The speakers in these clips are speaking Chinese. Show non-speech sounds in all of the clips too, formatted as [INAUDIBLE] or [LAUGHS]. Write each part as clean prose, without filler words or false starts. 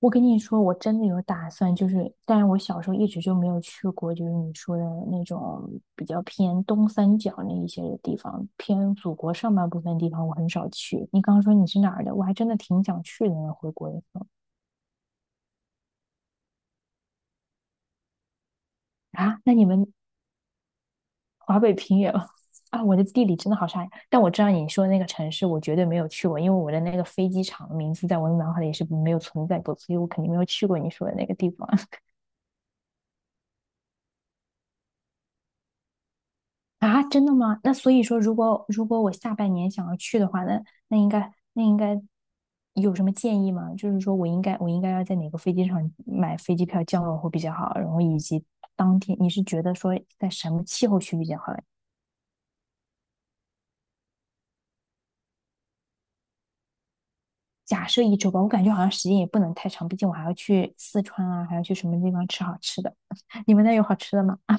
我跟你说，我真的有打算，就是，但是我小时候一直就没有去过，就是你说的那种比较偏东三角那一些的地方，偏祖国上半部分地方，我很少去。你刚刚说你是哪儿的，我还真的挺想去的呢。回国以后啊，那你们华北平原 [LAUGHS] 啊，我的地理真的好差呀。但我知道你说的那个城市，我绝对没有去过，因为我的那个飞机场的名字在我的脑海里是没有存在过，所以我肯定没有去过你说的那个地方。啊，真的吗？那所以说，如果我下半年想要去的话，那那应该有什么建议吗？就是说我应该要在哪个飞机场买飞机票降落会比较好，然后以及当天你是觉得说在什么气候区比较好嘞。假设一周吧，我感觉好像时间也不能太长，毕竟我还要去四川啊，还要去什么地方吃好吃的。[LAUGHS] 你们那有好吃的吗？[LAUGHS] 啊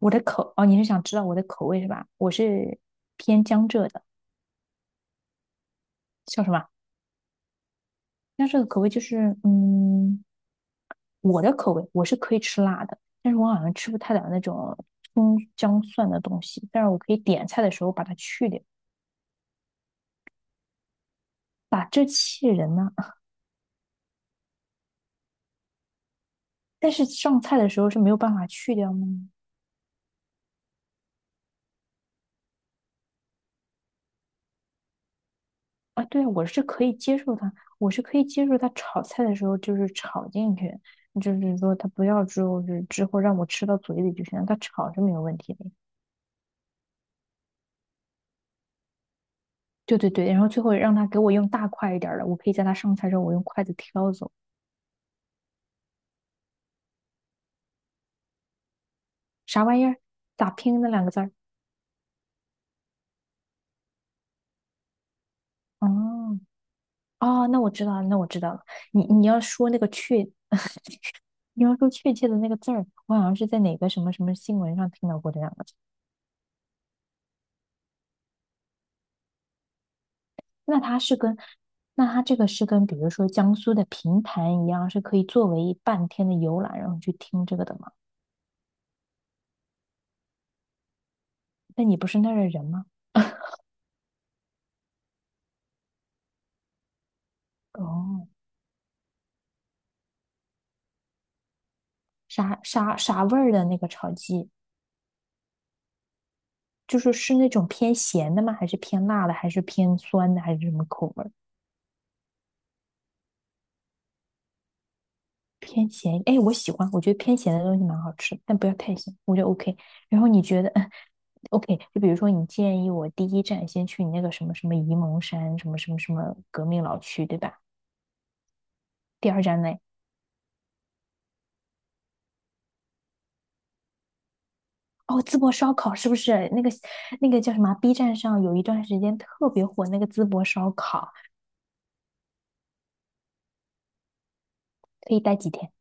我的口，哦，你是想知道我的口味是吧？我是偏江浙的，叫什么？那这个口味就是，嗯，我的口味我是可以吃辣的，但是我好像吃不太了那种葱姜蒜的东西，但是我可以点菜的时候把它去掉，把这气人呐。[LAUGHS] 但是上菜的时候是没有办法去掉吗？啊，对啊，我是可以接受它，我是可以接受它炒菜的时候就是炒进去，就是说它不要之后就是之后让我吃到嘴里就行了，它炒是没有问题的。对对对，然后最后让他给我用大块一点儿的，我可以在他上菜之后我用筷子挑走。啥玩意儿？咋拼那两个字儿？哦哦，那我知道了，那我知道了。你你要说那个确，[LAUGHS] 你要说确切的那个字儿，我好像是在哪个什么什么新闻上听到过这两个字。那它是跟，那它这个是跟，比如说江苏的平潭一样，是可以作为半天的游览，然后去听这个的吗？那你不是那儿的人吗？哦，啥啥啥味儿的那个炒鸡，就是是那种偏咸的吗？还是偏辣的？还是偏酸的？还是什么口味儿？偏咸，哎，我喜欢，我觉得偏咸的东西蛮好吃，但不要太咸，我觉得 OK。然后你觉得OK？就比如说你建议我第一站先去你那个什么什么沂蒙山，什么什么什么革命老区，对吧？第二站呢？哦，淄博烧烤是不是那个叫什么啊 b 站上有一段时间特别火那个淄博烧烤，可以待几天？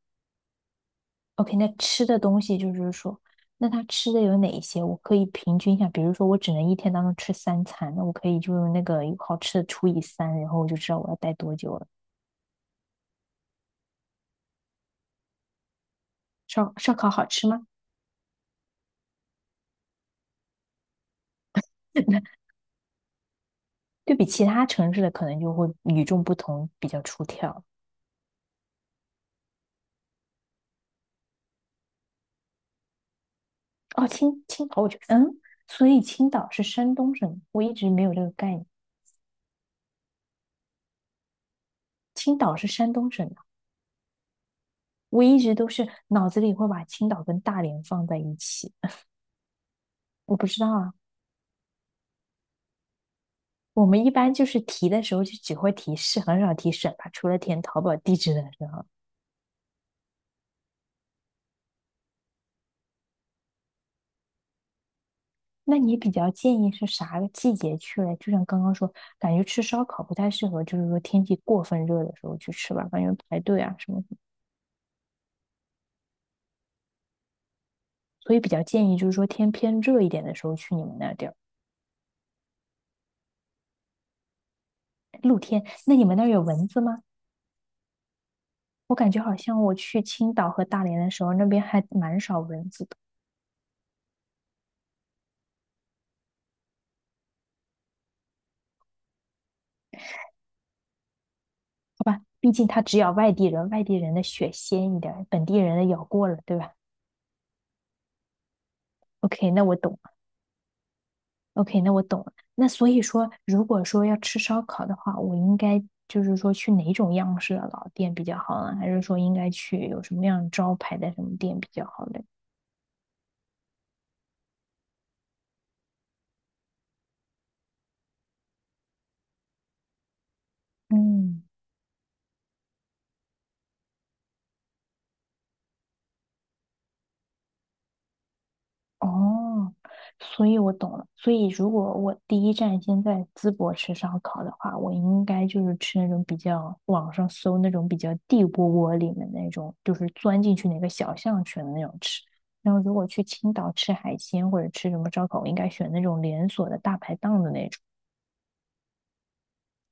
OK，那吃的东西就是说，那他吃的有哪一些？我可以平均一下，比如说我只能一天当中吃三餐，那我可以就用那个有好吃的除以三，然后我就知道我要待多久了。烧烤好吃吗？[LAUGHS] 对比其他城市的可能就会与众不同，比较出挑。哦，青岛，我觉得，嗯，所以青岛是山东省，我一直没有这个概念。青岛是山东省的，我一直都是脑子里会把青岛跟大连放在一起，我不知道啊。我们一般就是提的时候就只会提市，很少提省吧，除了填淘宝地址的时候。那你比较建议是啥个季节去嘞？就像刚刚说，感觉吃烧烤不太适合，就是说天气过分热的时候去吃吧，感觉排队啊什么什么。所以比较建议就是说天偏热一点的时候去你们那地儿，露天。那你们那儿有蚊子吗？我感觉好像我去青岛和大连的时候，那边还蛮少蚊子的，好吧？毕竟它只咬外地人，外地人的血鲜一点，本地人的咬过了，对吧？OK，那我懂 OK，那我懂了。那所以说，如果说要吃烧烤的话，我应该就是说去哪种样式的老店比较好呢？还是说应该去有什么样招牌的什么店比较好嘞？嗯。哦，所以我懂了。所以如果我第一站先在淄博吃烧烤的话，我应该就是吃那种比较网上搜那种比较地窝窝里面那种，就是钻进去哪个小巷选的那种吃。然后如果去青岛吃海鲜或者吃什么烧烤，我应该选那种连锁的大排档的那种。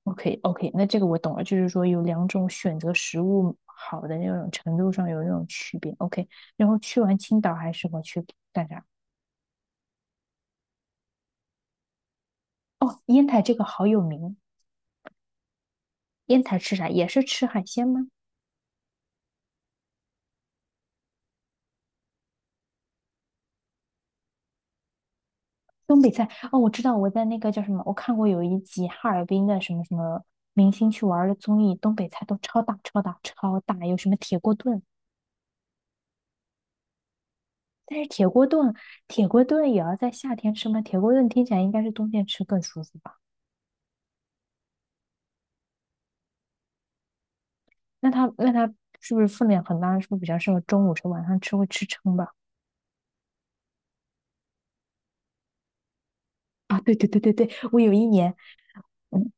OK OK，那这个我懂了，就是说有两种选择食物好的那种程度上有那种区别。OK，然后去完青岛还适合去干啥？哦，烟台这个好有名，烟台吃啥？也是吃海鲜吗？东北菜哦，我知道，我在那个叫什么，我看过有一集哈尔滨的什么什么明星去玩的综艺，东北菜都超大超大超大，有什么铁锅炖，但是铁锅炖也要在夏天吃吗？铁锅炖听起来应该是冬天吃更舒服吧？那它是不是分量很大？是不是比较适合中午吃，晚上吃会吃撑吧？啊，对对对对对，我有一年。嗯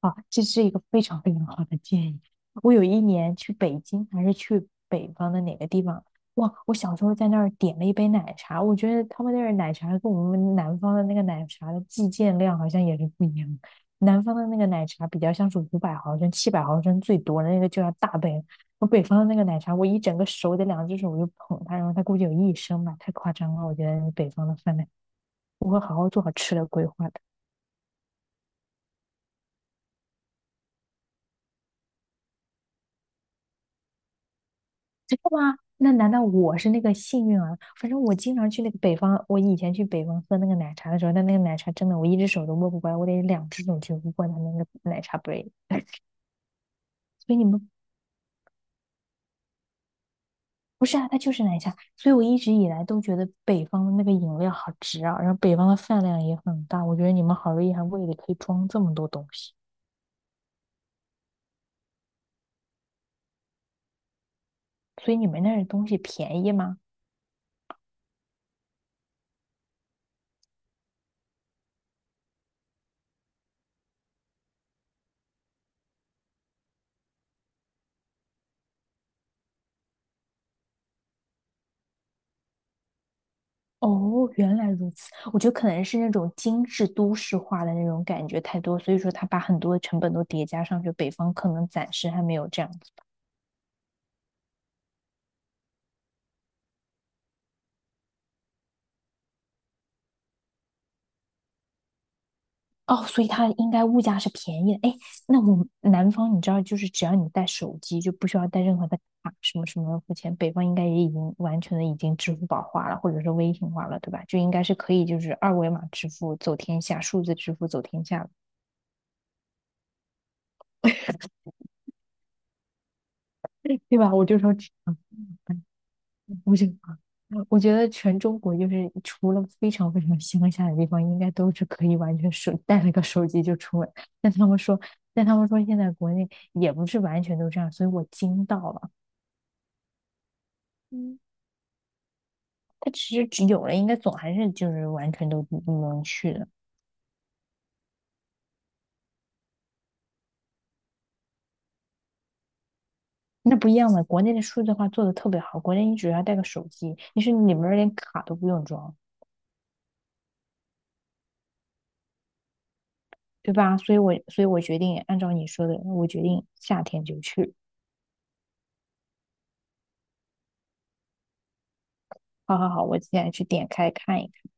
啊，这是一个非常非常好的建议。我有一年去北京，还是去北方的哪个地方？哇，我小时候在那儿点了一杯奶茶，我觉得他们那儿奶茶跟我们南方的那个奶茶的计件量好像也是不一样的。南方的那个奶茶比较像是500毫升、700毫升最多的那个就要大杯，我北方的那个奶茶，我一整个手得两只手我就捧它，然后它估计有1升吧，太夸张了。我觉得北方的饭量，我会好好做好吃的规划的。真的吗？那难道我是那个幸运儿？反正我经常去那个北方，我以前去北方喝那个奶茶的时候，那那个奶茶真的，我一只手都握不过来，我得两只手去握它那个奶茶杯。所以你们不是啊，它就是奶茶。所以我一直以来都觉得北方的那个饮料好值啊，然后北方的饭量也很大。我觉得你们好厉害，胃里可以装这么多东西。所以你们那儿的东西便宜吗？哦，原来如此。我觉得可能是那种精致都市化的那种感觉太多，所以说他把很多的成本都叠加上去。北方可能暂时还没有这样子。哦，所以它应该物价是便宜的。哎，那我们南方你知道，就是只要你带手机，就不需要带任何的卡什么什么付钱。北方应该也已经完全的已经支付宝化了，或者是微信化了，对吧？就应该是可以就是二维码支付走天下，数字支付走天下了，[LAUGHS] 对吧？我就说这样。我觉得，我觉得全中国就是除了非常非常乡下的地方，应该都是可以完全手带了个手机就出门。但他们说，但他们说现在国内也不是完全都这样，所以我惊到了。嗯，它其实只有了，应该总还是就是完全都不能去的。那不一样嘛，国内的数字化做的特别好，国内你只要带个手机，你是里面连卡都不用装，对吧？所以我决定按照你说的，我决定夏天就去。好好好，我现在去点开看一看。